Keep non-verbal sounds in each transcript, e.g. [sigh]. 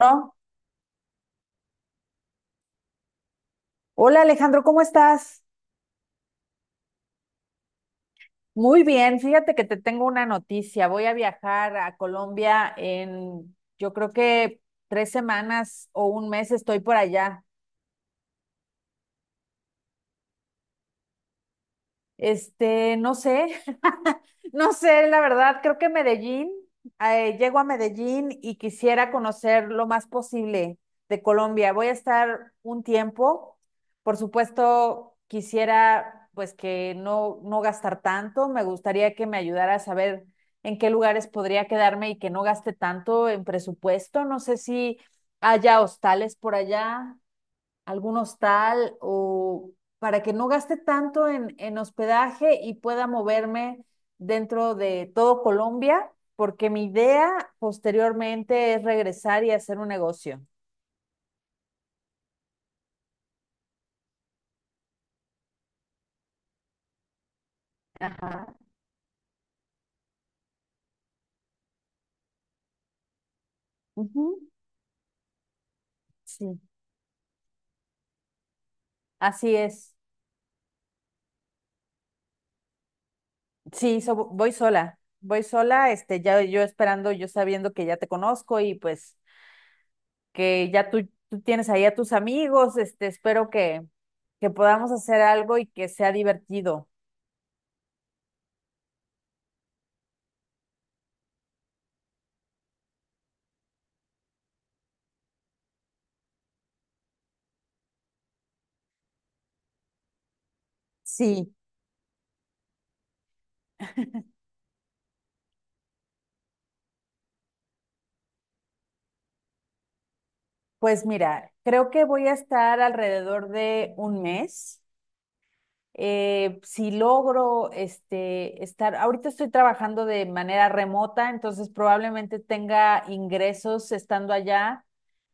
No. Hola Alejandro, ¿cómo estás? Muy bien, fíjate que te tengo una noticia. Voy a viajar a Colombia en, yo creo que 3 semanas o un mes estoy por allá. No sé, [laughs] no sé, la verdad, creo que Medellín. Llego a Medellín y quisiera conocer lo más posible de Colombia. Voy a estar un tiempo, por supuesto, quisiera pues que no, no gastar tanto, me gustaría que me ayudara a saber en qué lugares podría quedarme y que no gaste tanto en presupuesto. No sé si haya hostales por allá, algún hostal o para que no gaste tanto en hospedaje y pueda moverme dentro de todo Colombia, porque mi idea posteriormente es regresar y hacer un negocio. Ajá. Ujú, sí, así es. Sí, voy sola, ya yo esperando, yo sabiendo que ya te conozco y pues que ya tú tienes ahí a tus amigos. Espero que podamos hacer algo y que sea divertido. Sí. Pues mira, creo que voy a estar alrededor de un mes. Si logro estar, ahorita estoy trabajando de manera remota, entonces probablemente tenga ingresos estando allá,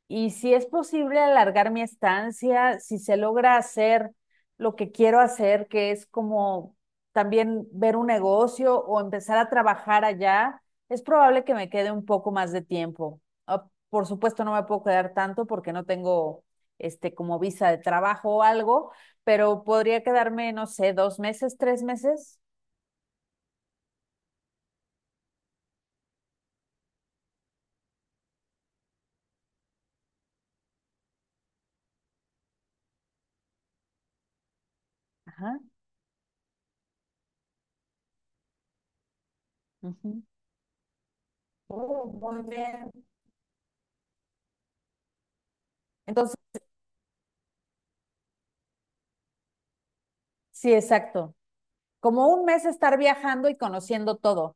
y si es posible alargar mi estancia, si se logra hacer lo que quiero hacer, que es como también ver un negocio o empezar a trabajar allá, es probable que me quede un poco más de tiempo. Ah, por supuesto, no me puedo quedar tanto porque no tengo como visa de trabajo o algo, pero podría quedarme, no sé, 2 meses, 3 meses. Ajá. Ujú. Oh, muy bien. Entonces, sí, exacto. Como un mes estar viajando y conociendo todo.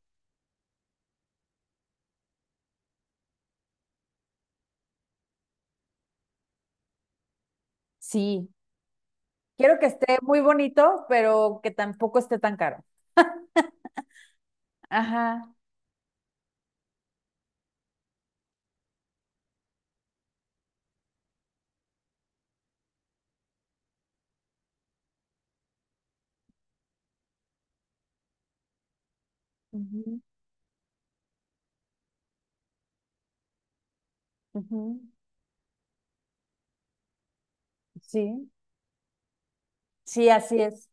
Sí, quiero que esté muy bonito, pero que tampoco esté tan caro. Ajá, ujú, ujú, sí, sí, así es.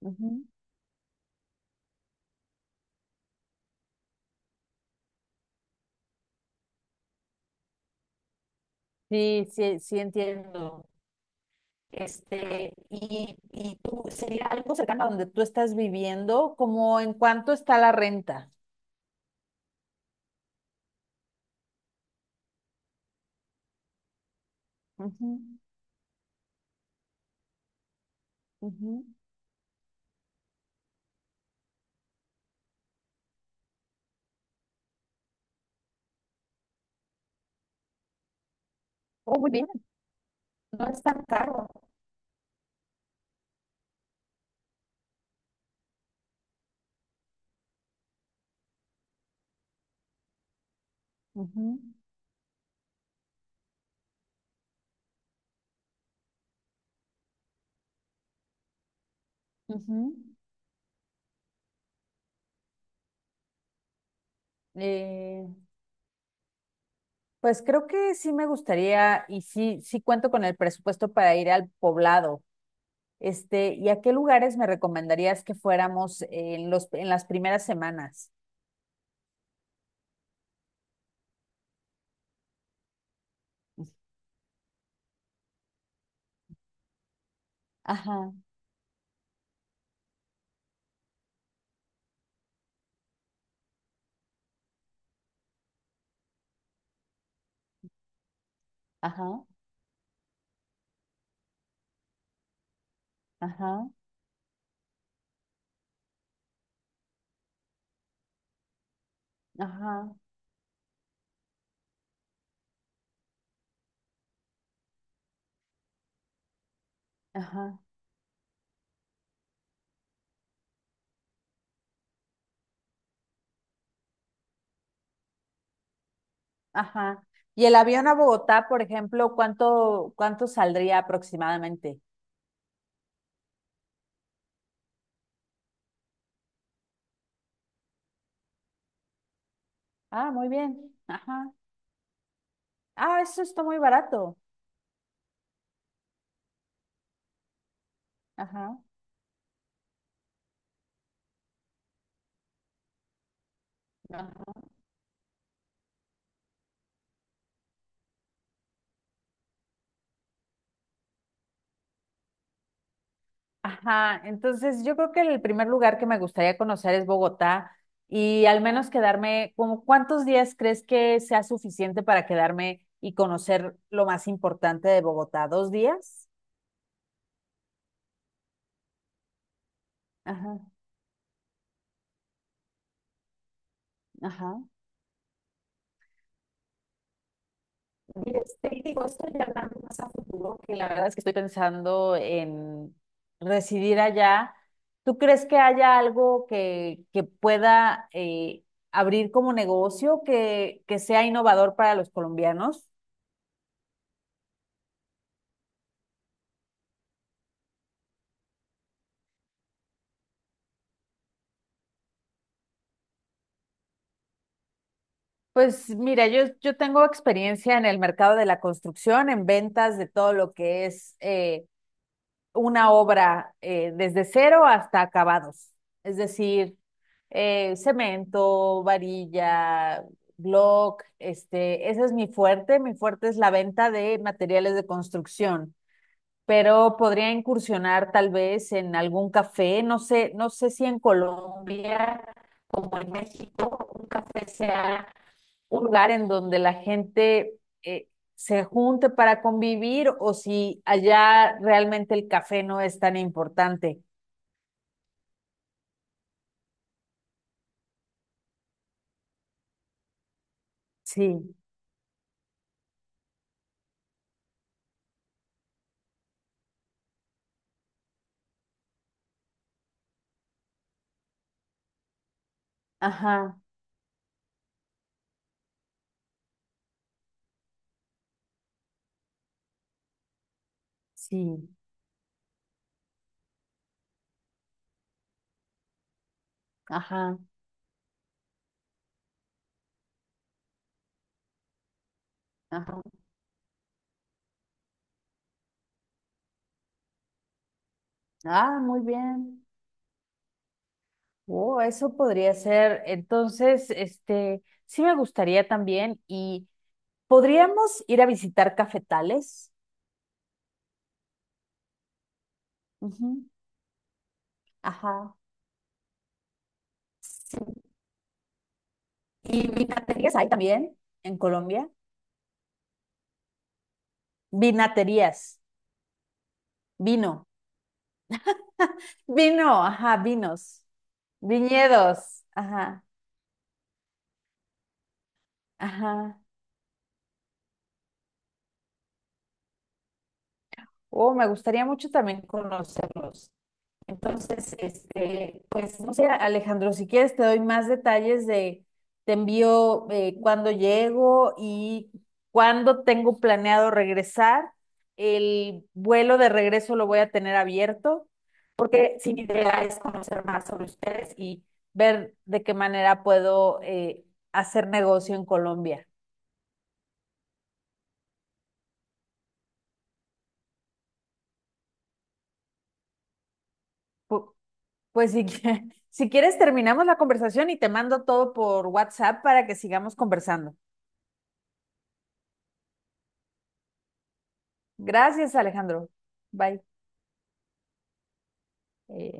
Ujú. Sí, sí, sí entiendo. Y tú, ¿sería algo cercano a donde tú estás viviendo? ¿Cómo en cuánto está la renta? Ujú, ujú. Oh, muy bien, no es tan caro. Ujú, ujú. Eh, pues creo que sí me gustaría y sí, sí cuento con el presupuesto para ir al poblado. ¿Y a qué lugares me recomendarías que fuéramos en en las primeras semanas? Ajá, ajá, ajá, ajá, ajá, ajá. ¿Y el avión a Bogotá, por ejemplo, cuánto saldría aproximadamente? Ah, muy bien. Ajá. Ah, eso está muy barato. Ajá. Ajá. Ajá, entonces yo creo que el primer lugar que me gustaría conocer es Bogotá y al menos quedarme, ¿como cuántos días crees que sea suficiente para quedarme y conocer lo más importante de Bogotá? ¿2 días? Ajá, ajá. Y digo, esto ya hablando más a futuro, que la verdad es que estoy pensando en residir allá. ¿Tú crees que haya algo que pueda abrir como negocio que sea innovador para los colombianos? Pues mira, yo tengo experiencia en el mercado de la construcción, en ventas de todo lo que es una obra desde cero hasta acabados. Es decir, cemento, varilla, block. Ese es mi fuerte. Mi fuerte es la venta de materiales de construcción, pero podría incursionar tal vez en algún café, no sé, no sé si en Colombia como en México, un café sea un lugar en donde la gente eh, se junte para convivir, o si allá realmente el café no es tan importante. Sí, ajá, sí, ajá, ajá. Ah, muy bien. Oh, eso podría ser. Entonces, sí me gustaría también, y podríamos ir a visitar cafetales. Ujú, ajá. Sí. Y vinaterías hay también en Colombia. Vinaterías, vino, vino, ajá, vinos, viñedos, ajá, ajá. Oh, me gustaría mucho también conocerlos. Entonces, pues no sé, Alejandro, si quieres te doy más detalles de, te envío cuándo llego y cuándo tengo planeado regresar. El vuelo de regreso lo voy a tener abierto, porque sí, mi idea es conocer más sobre ustedes y ver de qué manera puedo hacer negocio en Colombia. Pu- Pues si, [laughs] si quieres, terminamos la conversación y te mando todo por WhatsApp para que sigamos conversando. Gracias, Alejandro. Bye. Eh,